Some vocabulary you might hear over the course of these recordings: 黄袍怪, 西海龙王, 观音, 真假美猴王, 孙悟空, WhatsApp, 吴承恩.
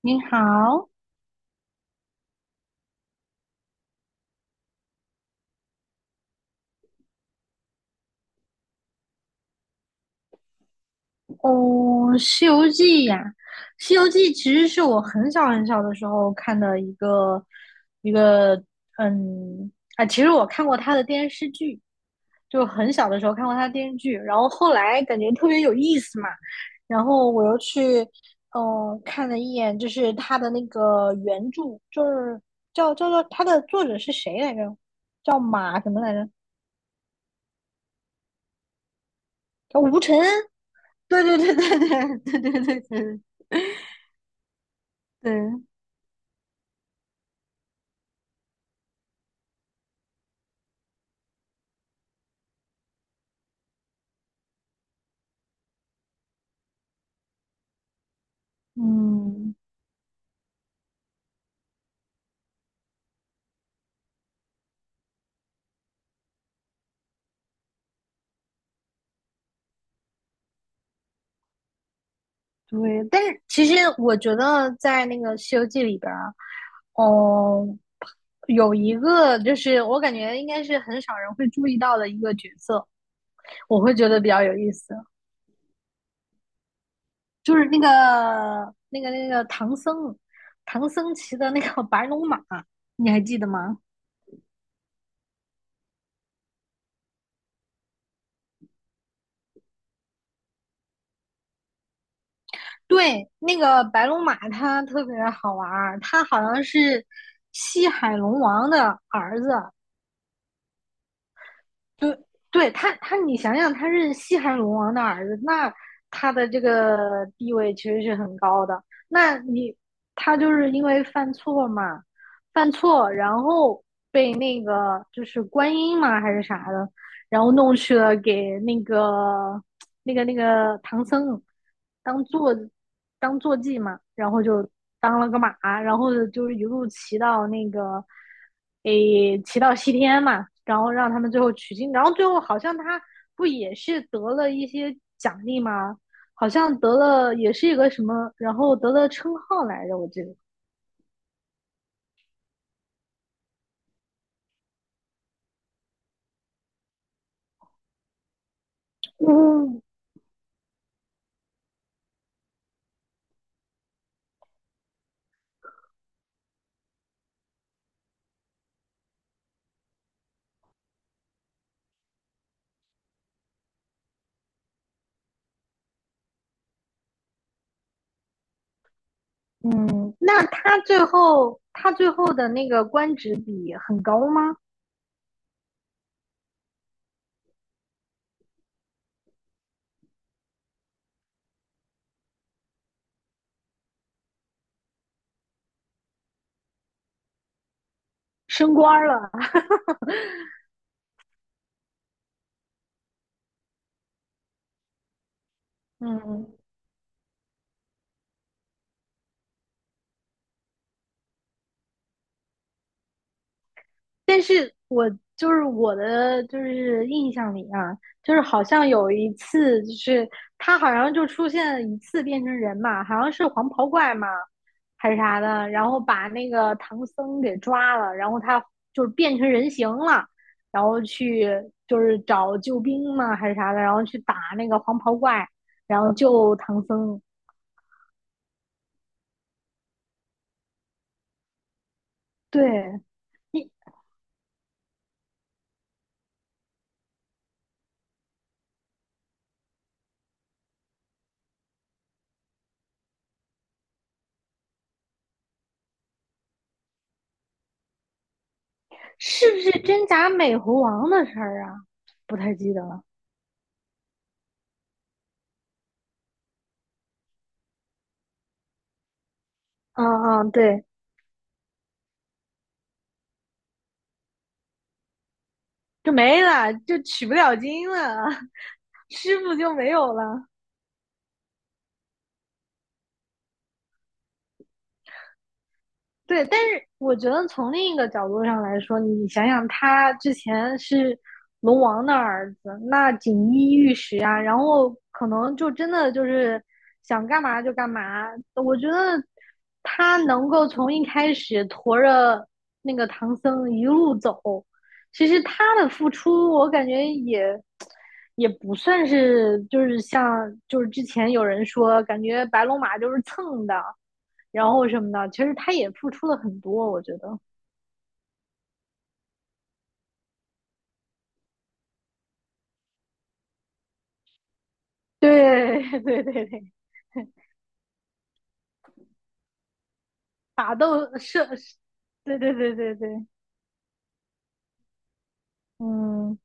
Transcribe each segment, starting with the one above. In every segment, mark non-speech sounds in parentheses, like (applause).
你好。哦，《西游记》呀，《西游记》其实是我很小很小的时候看的一个一个，嗯，其实我看过他的电视剧，就很小的时候看过他的电视剧，然后后来感觉特别有意思嘛。然后我又去，看了一眼，就是他的那个原著，就是叫做。他的作者是谁来着？叫马什么来着？叫吴承恩。对对对对对对对对对。对，嗯，对，但是其实我觉得在那个《西游记》里边儿，哦，有一个就是我感觉应该是很少人会注意到的一个角色，我会觉得比较有意思。就是那个唐僧，唐僧骑的那个白龙马，你还记得吗？对，那个白龙马它特别好玩儿，它好像是西海龙王的儿子。对，对他,你想想，他是西汉龙王的儿子，那他的这个地位其实是很高的。那你，他就是因为犯错嘛，犯错，然后被那个就是观音嘛还是啥的，然后弄去了给那个唐僧当坐当坐骑嘛，然后就当了个马，然后就是一路骑到那个诶骑到西天嘛，然后让他们最后取经，然后最后好像他不也是得了一些奖励吗？好像得了也是一个什么，然后得了称号来着，我记得。嗯，嗯，那他最后的那个官职比很高吗？升官了。(laughs) 嗯但是我就是我的就是印象里啊，就是好像有一次，就是他好像就出现了一次变成人嘛，好像是黄袍怪嘛还是啥的，然后把那个唐僧给抓了，然后他就是变成人形了，然后去就是找救兵嘛还是啥的，然后去打那个黄袍怪，然后救唐僧。对，你是不是真假美猴王的事儿啊？不太记得了。嗯嗯，对，就没了，就取不了经了。(laughs) 师傅就没有了。对，但是我觉得从另一个角度上来说，你想想，他之前是龙王的儿子，那锦衣玉食啊，然后可能就真的就是想干嘛就干嘛。我觉得他能够从一开始驮着那个唐僧一路走，其实他的付出，我感觉也不算是就是像就是之前有人说，感觉白龙马就是蹭的，然后什么的。其实他也付出了很多，我觉得。对 (laughs) 对对对，打斗是，对对对对对，嗯。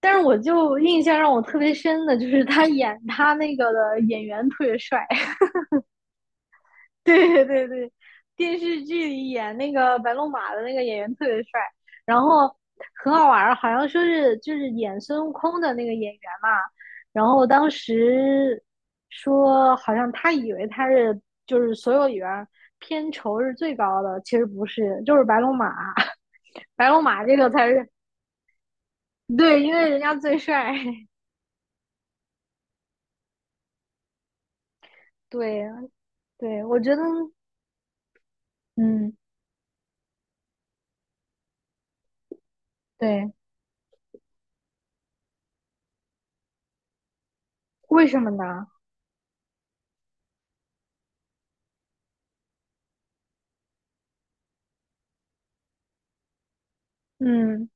但是我就印象让我特别深的就是他那个的演员特别帅。(laughs) 对对对，电视剧里演那个白龙马的那个演员特别帅，然后很好玩儿，好像说是就是演孙悟空的那个演员嘛，然后当时说好像他以为他是就是所有里边儿片酬是最高的，其实不是，就是白龙马。(laughs) 白龙马这个才是。对，因为人家最帅。(laughs) 对对，我觉得嗯对，为什么呢？嗯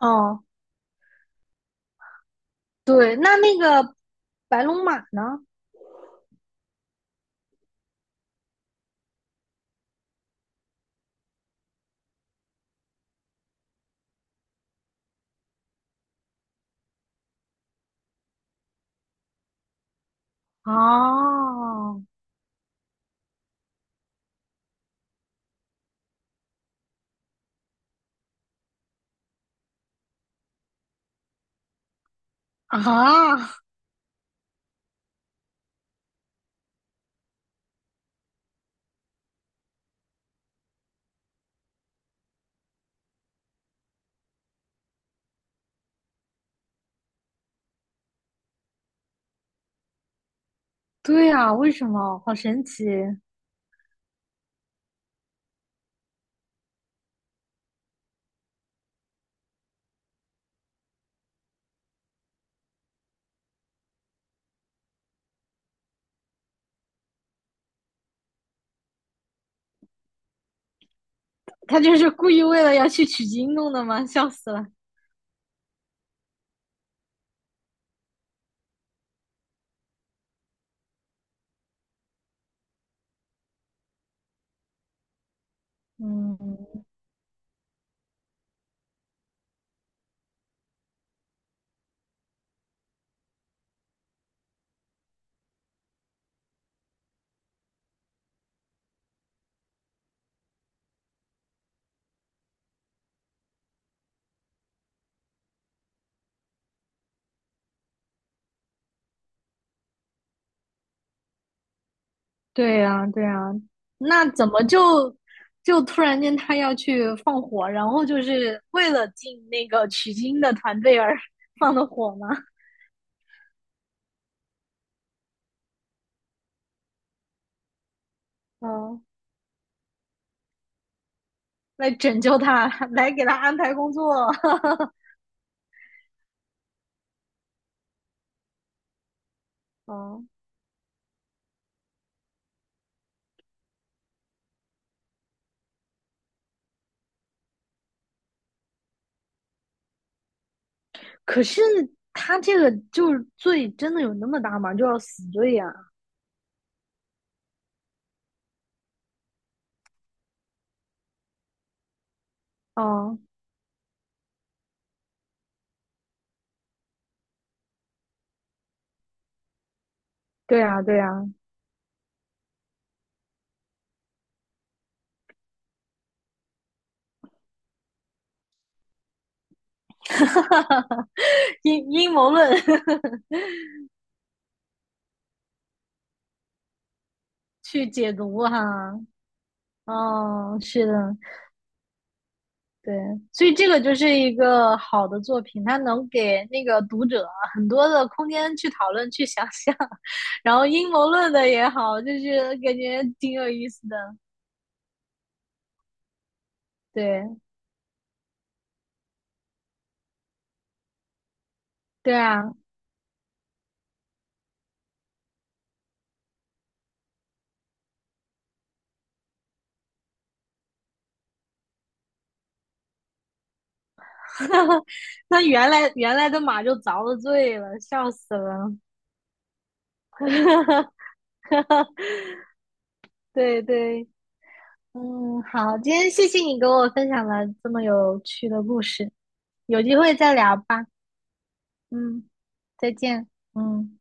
哦。对，那那个白龙马呢？啊啊，对啊，为什么？好神奇！他就是故意为了要去取经弄的吗？笑死了。嗯，对呀，对呀，那怎么就就突然间他要去放火，然后就是为了进那个取经的团队而放的火吗？嗯，来拯救他，来给他安排工作。(laughs) 嗯。可是他这个就是罪真的有那么大吗？就要死罪呀，啊哦，对呀，对呀。(laughs) 阴谋论去解读哈，啊哦，是的，对，所以这个就是一个好的作品，它能给那个读者啊很多的空间去讨论、去想象，然后阴谋论的也好，就是感觉挺有意思的。对，对啊，那原来的马就遭了罪了，笑死了。(laughs) 对对，嗯，好，今天谢谢你给我分享了这么有趣的故事，有机会再聊吧。嗯，再见。嗯。